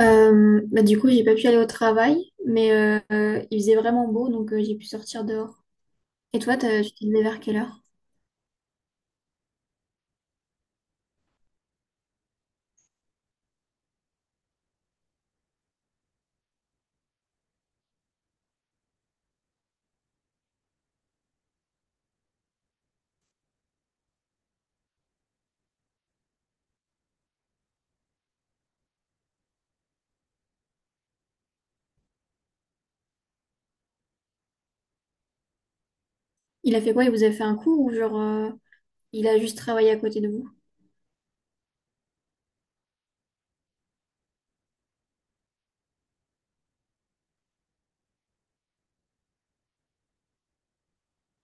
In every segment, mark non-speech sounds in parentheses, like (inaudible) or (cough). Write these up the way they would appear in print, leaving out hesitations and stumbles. Bah, du coup, j'ai pas pu aller au travail, mais il faisait vraiment beau, donc j'ai pu sortir dehors. Et toi, tu t'es levé vers quelle heure? Il a fait quoi? Il vous a fait un coup ou genre il a juste travaillé à côté de vous?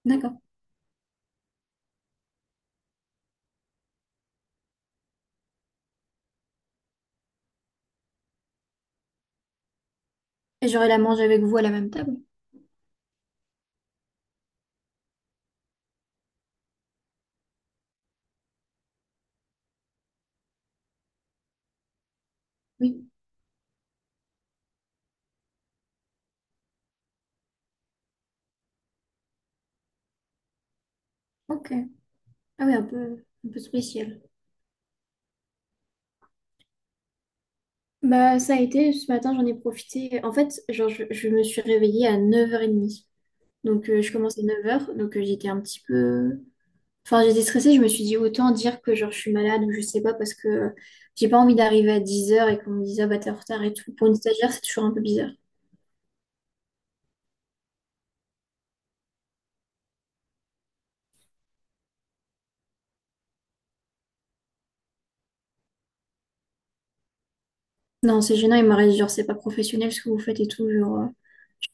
D'accord. Et genre il a mangé avec vous à la même table? Oui. Ok. Ah oui, un peu spécial. Bah ça a été, ce matin j'en ai profité. En fait, genre je me suis réveillée à 9h30. Donc je commençais à 9 heures donc j'étais un petit peu. Enfin, j'étais stressée, je me suis dit autant dire que genre je suis malade ou je sais pas parce que j'ai pas envie d'arriver à 10 heures et qu'on me dise, ah bah t'es en retard et tout. Pour une stagiaire, c'est toujours un peu bizarre. Non, c'est gênant, il m'aurait dit genre c'est pas professionnel ce que vous faites et tout. Genre,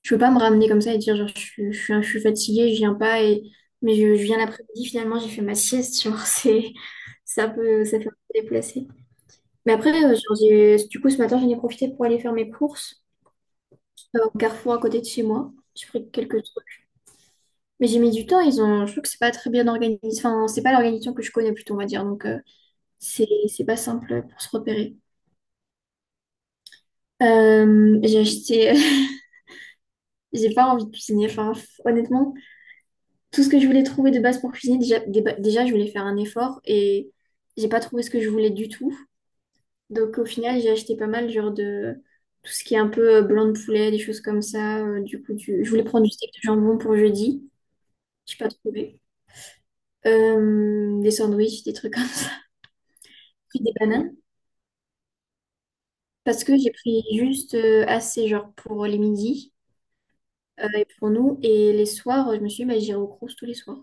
je peux pas me ramener comme ça et dire genre je suis fatiguée, je viens pas et mais je viens l'après-midi finalement, j'ai fait ma sieste. (laughs) Genre, c'est ça peut ça fait un peu déplacé. Mais après, genre, du coup, ce matin, j'en ai profité pour aller faire mes courses au Carrefour à côté de chez moi. J'ai pris quelques trucs. Mais j'ai mis du temps, je trouve que c'est pas très bien organisé. Enfin, c'est pas l'organisation que je connais plutôt, on va dire. Donc, c'est pas simple pour se repérer. J'ai acheté... (laughs) J'ai pas envie de cuisiner. Enfin, honnêtement, tout ce que je voulais trouver de base pour cuisiner, déjà je voulais faire un effort et j'ai pas trouvé ce que je voulais du tout. Donc, au final, j'ai acheté pas mal, genre de... Tout ce qui est un peu blanc de poulet, des choses comme ça. Du coup, je voulais prendre du steak de jambon pour jeudi. J'ai pas trouvé. Des sandwichs, des trucs comme ça. (laughs) Puis des bananes. Parce que j'ai pris juste assez, genre pour les midis et pour nous. Et les soirs, je me suis dit, bah, j'irai au Crous tous les soirs.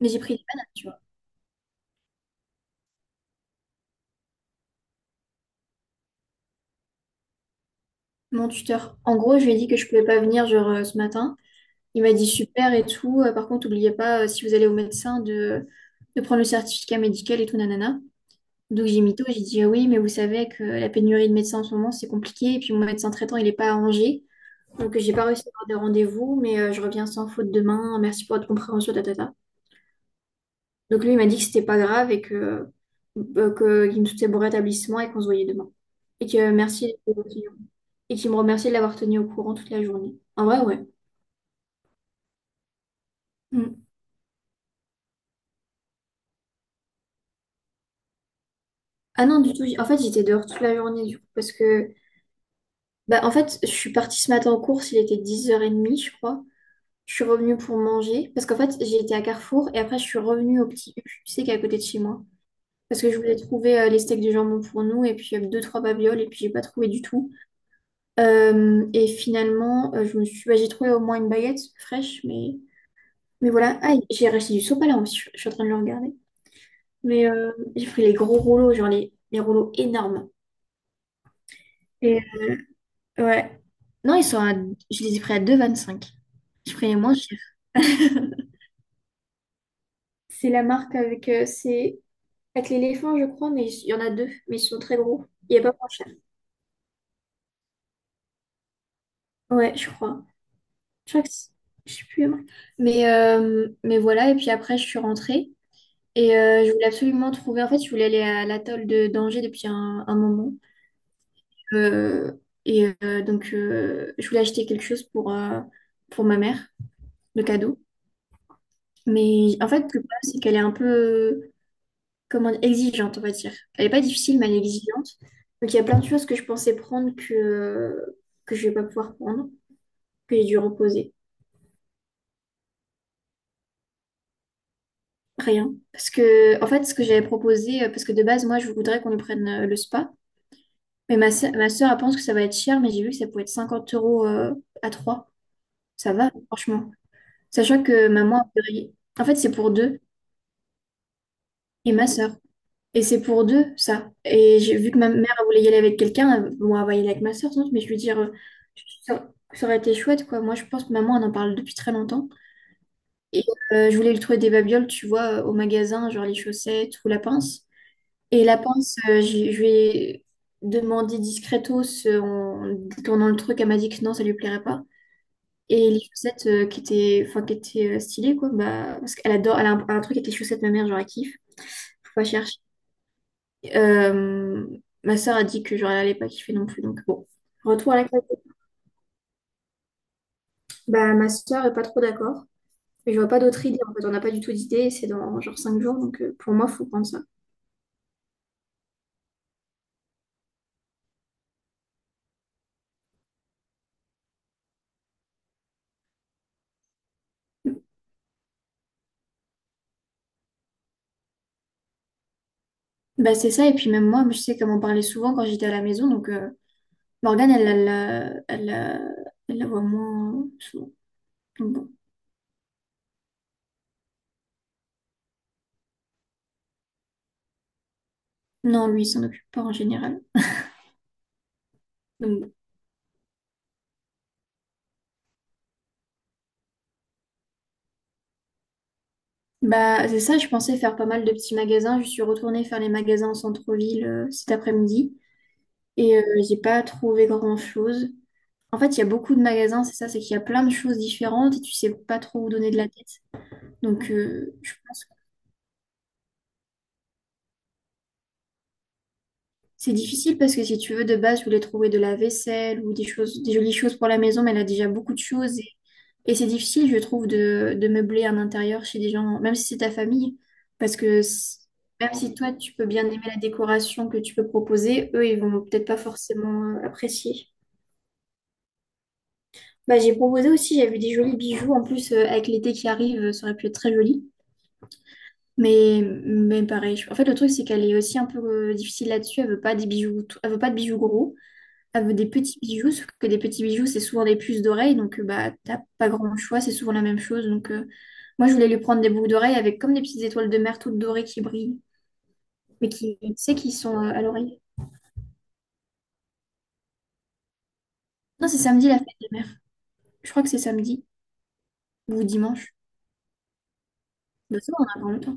Mais j'ai pris des bananes, tu vois. Mon tuteur, en gros, je lui ai dit que je pouvais pas venir, genre ce matin. Il m'a dit super et tout. Par contre, n'oubliez pas, si vous allez au médecin, de prendre le certificat médical et tout, nanana. Donc j'ai mytho, j'ai dit, ah oui, mais vous savez que la pénurie de médecins en ce moment, c'est compliqué. Et puis mon médecin traitant, il est pas à Angers. Donc j'ai pas réussi à avoir de rendez-vous, mais je reviens sans faute demain. Merci pour votre compréhension, tata. Donc lui, il m'a dit que c'était pas grave et qu'il me souhaitait bon rétablissement et qu'on se voyait demain. Et que merci et qu'il me remerciait de l'avoir tenu au courant toute la journée. En vrai, ouais. Mm. Ah non, du tout. En fait, j'étais dehors toute la journée du coup parce que bah en fait, je suis partie ce matin en course, il était 10h30, je crois. Je suis revenue pour manger parce qu'en fait, j'ai été à Carrefour et après je suis revenue au petit U, tu sais, qui est à côté de chez moi. Parce que je voulais trouver les steaks de jambon pour nous et puis deux, trois babioles et puis j'ai pas trouvé du tout. Et finalement, je me suis, bah, j'ai trouvé au moins une baguette fraîche, mais voilà. Ah, j'ai racheté du sopalin aussi, je suis en train de le regarder. Mais j'ai pris les gros rouleaux, genre les rouleaux énormes. Et ouais. Non, je les ai pris à 2,25. J'ai pris les moins chers. (laughs) C'est la marque avec, c'est avec l'éléphant, je crois, mais il y en a deux, mais ils sont très gros. Il n'y a pas moins cher. Ouais, je crois. Je crois que c'est- je sais plus la marque. Mais voilà, et puis après, je suis rentrée. Et je voulais absolument trouver, en fait, je voulais aller à l'atoll de d'Angers depuis un moment. Euh, et donc, je voulais acheter quelque chose pour ma mère, de cadeau. Mais en fait, le problème, c'est qu'elle est un peu, comment dire, exigeante, on va dire. Elle n'est pas difficile, mais elle est exigeante. Donc, il y a plein de choses que je pensais prendre que je ne vais pas pouvoir prendre, que j'ai dû reposer. Rien. Parce que, en fait, ce que j'avais proposé, parce que de base, moi, je voudrais qu'on lui prenne le spa. Mais ma sœur, elle pense que ça va être cher, mais j'ai vu que ça pouvait être 50 € à trois. Ça va, franchement. Sachant que maman, en fait, c'est pour deux et ma soeur. Et c'est pour deux, ça. Et j'ai vu que ma mère, elle voulait y aller avec quelqu'un. Bon, elle va y aller avec ma soeur, sans doute, mais je veux dire, ça, ça aurait été chouette, quoi. Moi, je pense que maman, elle en parle depuis très longtemps. Et je voulais lui trouver des babioles, tu vois, au magasin, genre les chaussettes ou la pince. Et la pince, je lui ai demandé discretos en tournant le truc, elle m'a dit que non, ça lui plairait pas. Et les chaussettes qui étaient, enfin, qui étaient stylées, quoi, bah, parce qu'elle adore, elle a un truc avec les chaussettes, ma mère, genre, elle kiffe. Faut pas chercher. Euh, Ma soeur a dit que, genre, elle allait pas kiffer non plus, donc bon. Retour à la classe. Bah, ma soeur est pas trop d'accord. Mais je vois pas d'autres idées, en fait, on n'a pas du tout d'idées, c'est dans genre 5 jours, donc pour moi, faut prendre ça. Bah, c'est ça, et puis même moi, je sais comment parler souvent quand j'étais à la maison, donc. Morgane, elle la voit moins souvent. Donc bon. Non, lui, il s'en occupe pas en général. Donc bon. Bah, c'est ça, je pensais faire pas mal de petits magasins. Je suis retournée faire les magasins en centre-ville cet après-midi et j'ai pas trouvé grand-chose. En fait, il y a beaucoup de magasins, c'est ça, c'est qu'il y a plein de choses différentes et tu sais pas trop où donner de la tête. Donc, je pense que c'est difficile parce que si tu veux, de base, je voulais trouver de la vaisselle ou des choses, des jolies choses pour la maison, mais elle a déjà beaucoup de choses. Et c'est difficile, je trouve, de meubler un intérieur chez des gens, même si c'est ta famille, parce que même si toi, tu peux bien aimer la décoration que tu peux proposer, eux, ils vont peut-être pas forcément apprécier. Bah, j'ai proposé aussi, j'avais des jolis bijoux, en plus, avec l'été qui arrive, ça aurait pu être très joli. Mais pareil, en fait, le truc, c'est qu'elle est aussi un peu difficile là-dessus, elle veut pas des bijoux, elle veut pas de bijoux gros. Elle veut des petits bijoux, sauf que des petits bijoux, c'est souvent des puces d'oreilles, donc bah t'as pas grand choix, c'est souvent la même chose. Donc moi je voulais lui prendre des boucles d'oreilles avec comme des petites étoiles de mer toutes dorées qui brillent, mais qui, tu sais, qui sont à l'oreille. Non, c'est samedi la fête des mères. Je crois que c'est samedi ou dimanche. Bah ça, on a encore le temps.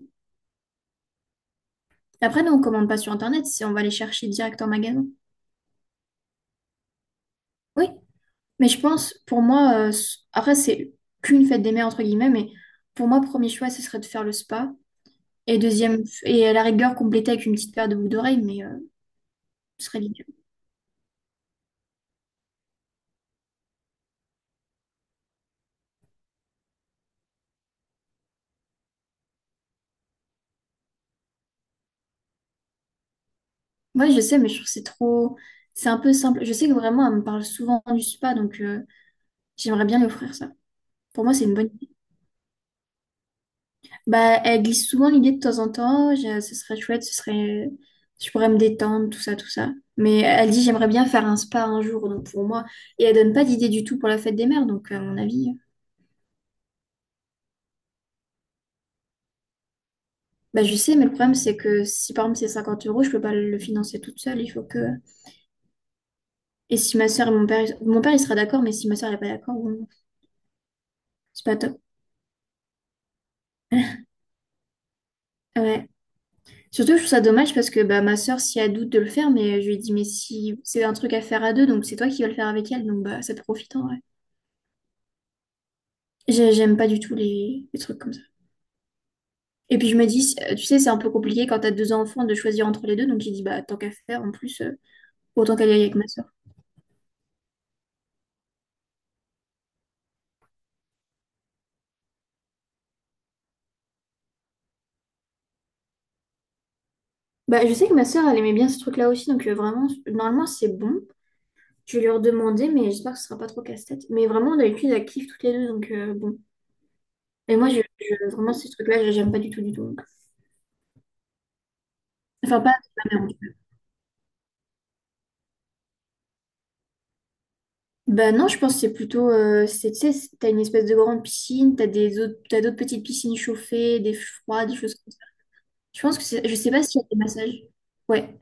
Après, nous, on commande pas sur Internet, c'est on va les chercher direct en magasin. Oui, mais je pense, pour moi, après, c'est qu'une fête des mères, entre guillemets, mais pour moi, premier choix, ce serait de faire le spa. Et deuxième, et à la rigueur, compléter avec une petite paire de boucles d'oreilles, mais ce serait l'idéal. Ouais, je sais, mais je trouve que c'est trop. C'est un peu simple. Je sais que vraiment, elle me parle souvent du spa, donc j'aimerais bien lui offrir ça. Pour moi, c'est une bonne idée. Bah, elle glisse souvent l'idée de temps en temps. Ce serait chouette, ce serait. Je pourrais me détendre, tout ça, tout ça. Mais elle dit, j'aimerais bien faire un spa un jour, donc pour moi. Et elle donne pas d'idée du tout pour la fête des mères, donc à mon avis. Bah, je sais, mais le problème, c'est que si par exemple c'est 50 euros, je peux pas le financer toute seule. Il faut que. Et si ma soeur et mon père, mon père il sera d'accord, mais si ma soeur n'est pas d'accord, bon, c'est pas top. Ouais. Surtout, je trouve ça dommage parce que bah, ma soeur, si elle doute de le faire, mais je lui ai dit, mais si c'est un truc à faire à deux, donc c'est toi qui vas le faire avec elle, donc bah, ça profite en vrai. J'aime pas du tout les trucs comme ça. Et puis je me dis, tu sais, c'est un peu compliqué quand t'as deux enfants de choisir entre les deux, donc j'ai dit, bah tant qu'à faire, en plus, autant qu'elle y aille avec ma soeur. Bah, je sais que ma soeur, elle aimait bien ce truc-là aussi, donc vraiment, normalement, c'est bon. Je vais lui redemander, mais j'espère que ce sera pas trop casse-tête. Mais vraiment, d'habitude, elle kiffe toutes les deux, donc bon. Mais moi, vraiment, ces trucs-là, j'aime pas du tout, du tout. Donc. Enfin, pas avec ma mère, en tout cas. Bah non, je pense que c'est plutôt... c'est, tu sais, c'est- t'as une espèce de grande piscine, t'as d'autres petites piscines chauffées, des froides, des choses comme ça. Je pense que c'est... Je sais pas s'il y a des massages. Ouais.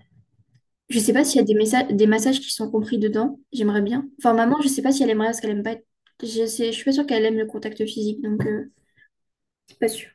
Je sais pas s'il y a des massages qui sont compris dedans. J'aimerais bien. Enfin, maman, je sais pas si elle aimerait, parce qu'elle aime pas... Je sais, je suis pas sûre qu'elle aime le contact physique, donc... c'est pas sûr.